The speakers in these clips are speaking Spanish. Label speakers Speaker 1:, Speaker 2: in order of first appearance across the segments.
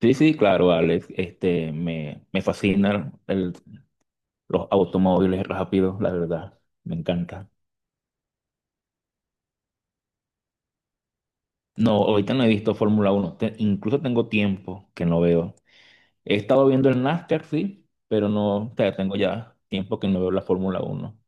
Speaker 1: Sí, sí, claro, Alex. Me fascinan los automóviles rápidos, la verdad. Me encanta. No, ahorita no he visto Fórmula Uno. Incluso tengo tiempo que no veo. He estado viendo el NASCAR, sí, pero no, o sea, tengo ya tiempo que no veo la Fórmula Uno.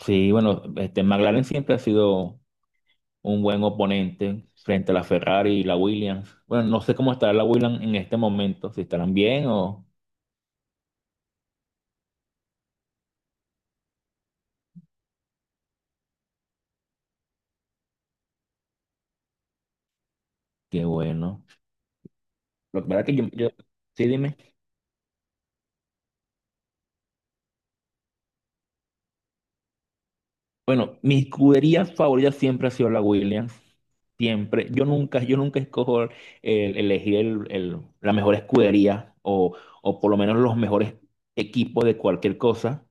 Speaker 1: Sí, bueno, McLaren siempre ha sido un buen oponente frente a la Ferrari y la Williams. Bueno, no sé cómo estará la Williams en este momento, si estarán bien o. Qué bueno. Lo que pasa es que yo. Sí, dime. Bueno, mis escuderías favoritas siempre ha sido la Williams. Siempre. Yo nunca escojo elegir la mejor escudería o por lo menos los mejores equipos de cualquier cosa.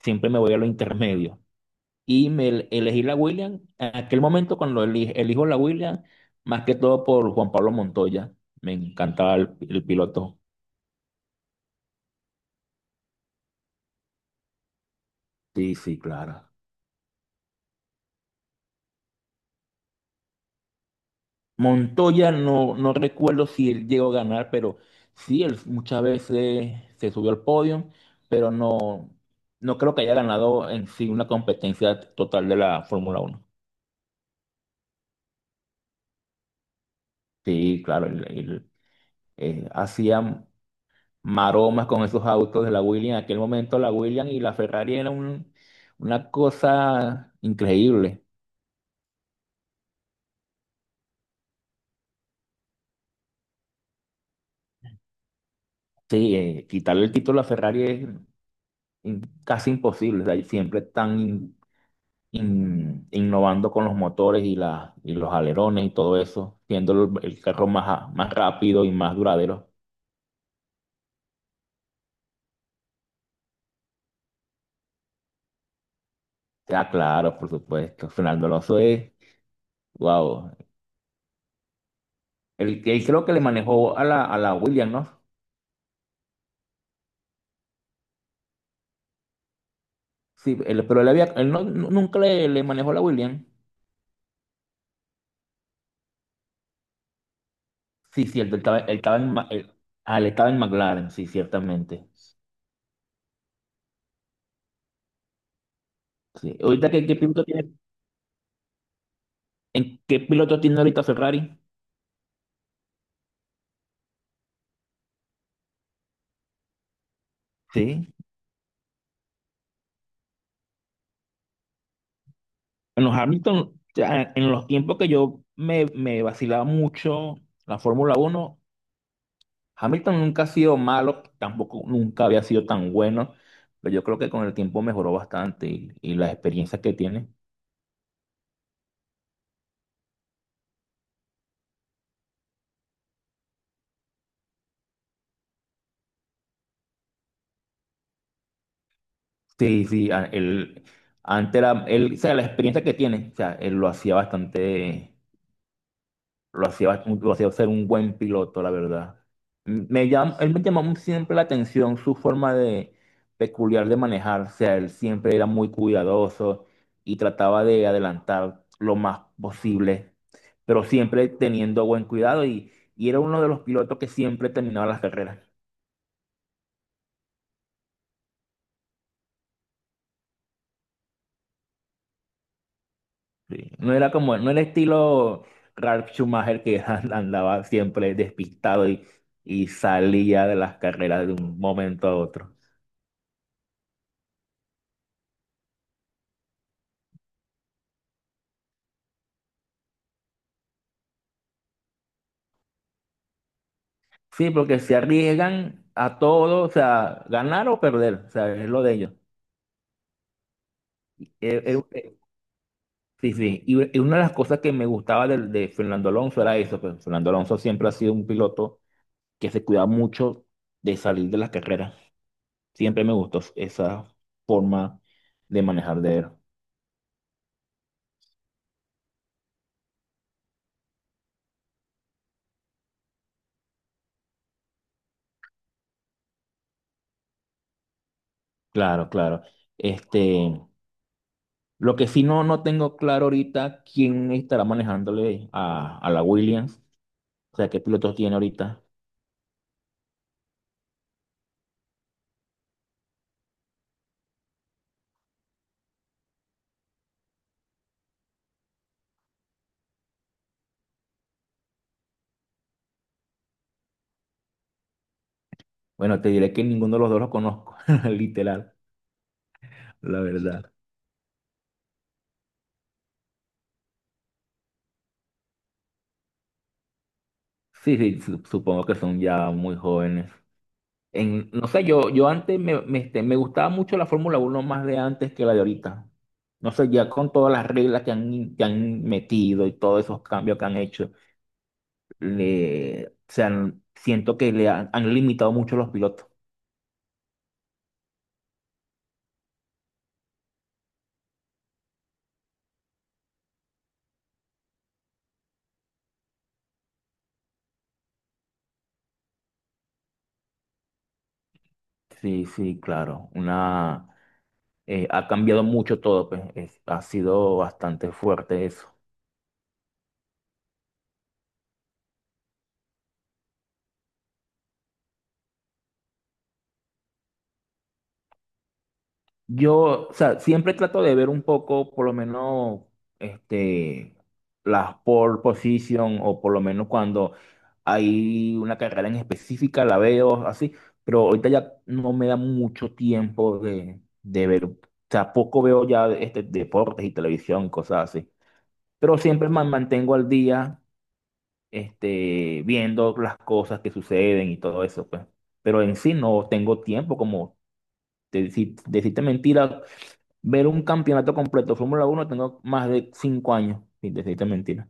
Speaker 1: Siempre me voy a lo intermedio. Y me elegí la Williams. En aquel momento cuando elijo la Williams, más que todo por Juan Pablo Montoya. Me encantaba el piloto. Sí, sí, claro. Montoya no recuerdo si él llegó a ganar, pero sí, él muchas veces se subió al podio, pero no creo que haya ganado en sí una competencia total de la Fórmula Uno. Sí, claro, él hacía maromas con esos autos de la Williams. En aquel momento la Williams y la Ferrari era una cosa increíble. Sí, quitarle el título a Ferrari es casi imposible. O sea, siempre están innovando con los motores y los alerones y todo eso, siendo el carro más, más rápido y más duradero. Sea, claro, por supuesto. Fernando Alonso es, wow. Él creo que le manejó a la Williams, ¿no? Sí, pero él, había, él no, nunca le manejó a la Williams. Sí, cierto, él estaba en, él estaba en McLaren, sí, ciertamente. Sí. Ahorita, ¿Qué qué piloto tiene ahorita Ferrari? Sí. En los tiempos que yo me vacilaba mucho la Fórmula Uno. Hamilton nunca ha sido malo, tampoco nunca había sido tan bueno, pero yo creo que con el tiempo mejoró bastante y las experiencias que tiene. Sí, sí, él, antes era, él, o sea, la experiencia que tiene, o sea, él lo hacía bastante. Lo hacía ser un buen piloto, la verdad. Él me llamó siempre la atención su forma de peculiar de manejar. O sea, él siempre era muy cuidadoso y trataba de adelantar lo más posible, pero siempre teniendo buen cuidado y era uno de los pilotos que siempre terminaba las carreras. Sí. No era como, no era estilo Ralf Schumacher que andaba siempre despistado y salía de las carreras de un momento a otro. Sí, porque se arriesgan a todo, o sea, ganar o perder, o sea, es lo de ellos. Eh, eh, eh, sí, sí, y una de las cosas que me gustaba de Fernando Alonso era eso, que Fernando Alonso siempre ha sido un piloto que se cuida mucho de salir de las carreras. Siempre me gustó esa forma de manejar de él. Claro, claro. Este, lo que sí no tengo claro ahorita quién estará manejándole a la Williams, o sea, qué pilotos tiene ahorita. Bueno, te diré que ninguno de los dos los conozco, literal, la verdad. Sí, sí, supongo que son ya muy jóvenes. En, no sé, yo antes me gustaba mucho la Fórmula Uno más de antes que la de ahorita. No sé, ya con todas las reglas que han metido y todos esos cambios que han hecho, le, o sea, siento que le han limitado mucho los pilotos. Sí, sí, claro. Ha cambiado mucho todo, pues. Ha sido bastante fuerte eso. Yo, o sea, siempre trato de ver un poco, por lo menos, este, las pole position, o por lo menos cuando hay una carrera en específica, la veo así, pero ahorita ya no me da mucho tiempo de ver, o sea, poco veo ya deportes y televisión, cosas así, pero siempre me mantengo al día, viendo las cosas que suceden y todo eso, pues, pero en sí no tengo tiempo como decirte mentira, ver un campeonato completo de Fórmula Uno tengo más de 5 años, sin decirte mentira.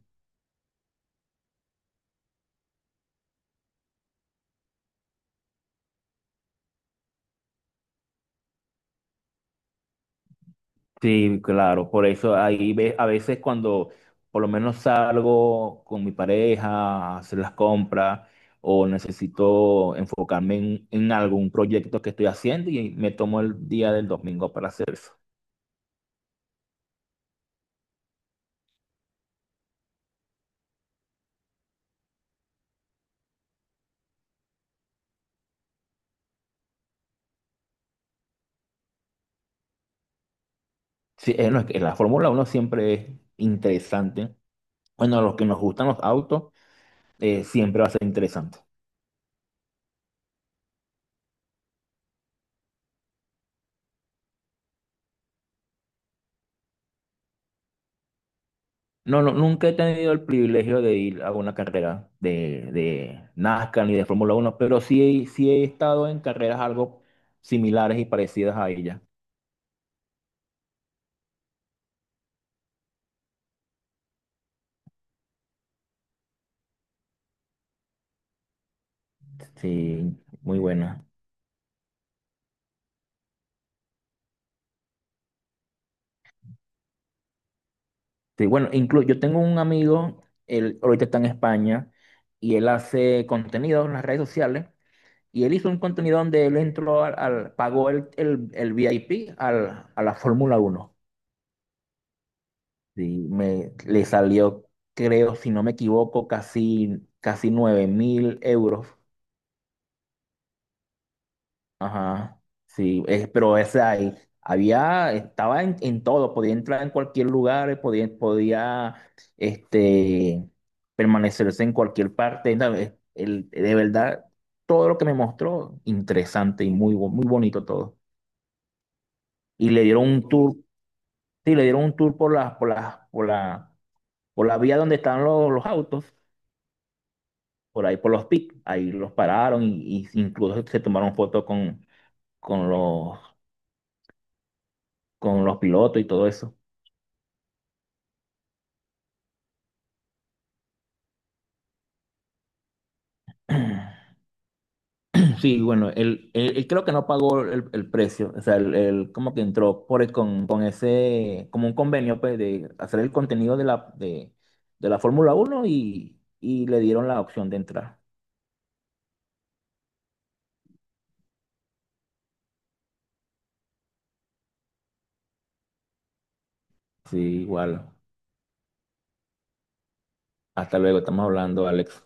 Speaker 1: Sí, claro, por eso ahí ve, a veces cuando por lo menos salgo con mi pareja a hacer las compras o necesito enfocarme en algún proyecto que estoy haciendo y me tomo el día del domingo para hacer eso. Sí, no, es que la Fórmula Uno siempre es interesante. Bueno, a los que nos gustan los autos, siempre va a ser interesante. No, no, nunca he tenido el privilegio de ir a una carrera de NASCAR ni de Fórmula Uno, pero sí, sí he estado en carreras algo similares y parecidas a ella. Sí, muy buena. Sí, bueno, incluso yo tengo un amigo, él ahorita está en España y él hace contenido en las redes sociales y él hizo un contenido donde él entró pagó el VIP a la Fórmula Uno. Sí, le salió, creo, si no me equivoco, casi, casi 9 mil euros. Ajá, sí, es, pero ese ahí, había, estaba en, todo, podía entrar en cualquier lugar, podía, este, permanecerse en cualquier parte. No, de verdad, todo lo que me mostró, interesante y muy bonito todo. Y le dieron un tour, sí, le dieron un tour por la vía donde están los autos. Por ahí por los PIC. Ahí los pararon y incluso se tomaron fotos con los con los pilotos y todo eso. Sí, bueno, él creo que no pagó el precio, o sea, él como que entró con ese, como un convenio, pues, de hacer el contenido de la Fórmula Uno y le dieron la opción de entrar. Sí, igual. Hasta luego, estamos hablando, Alex.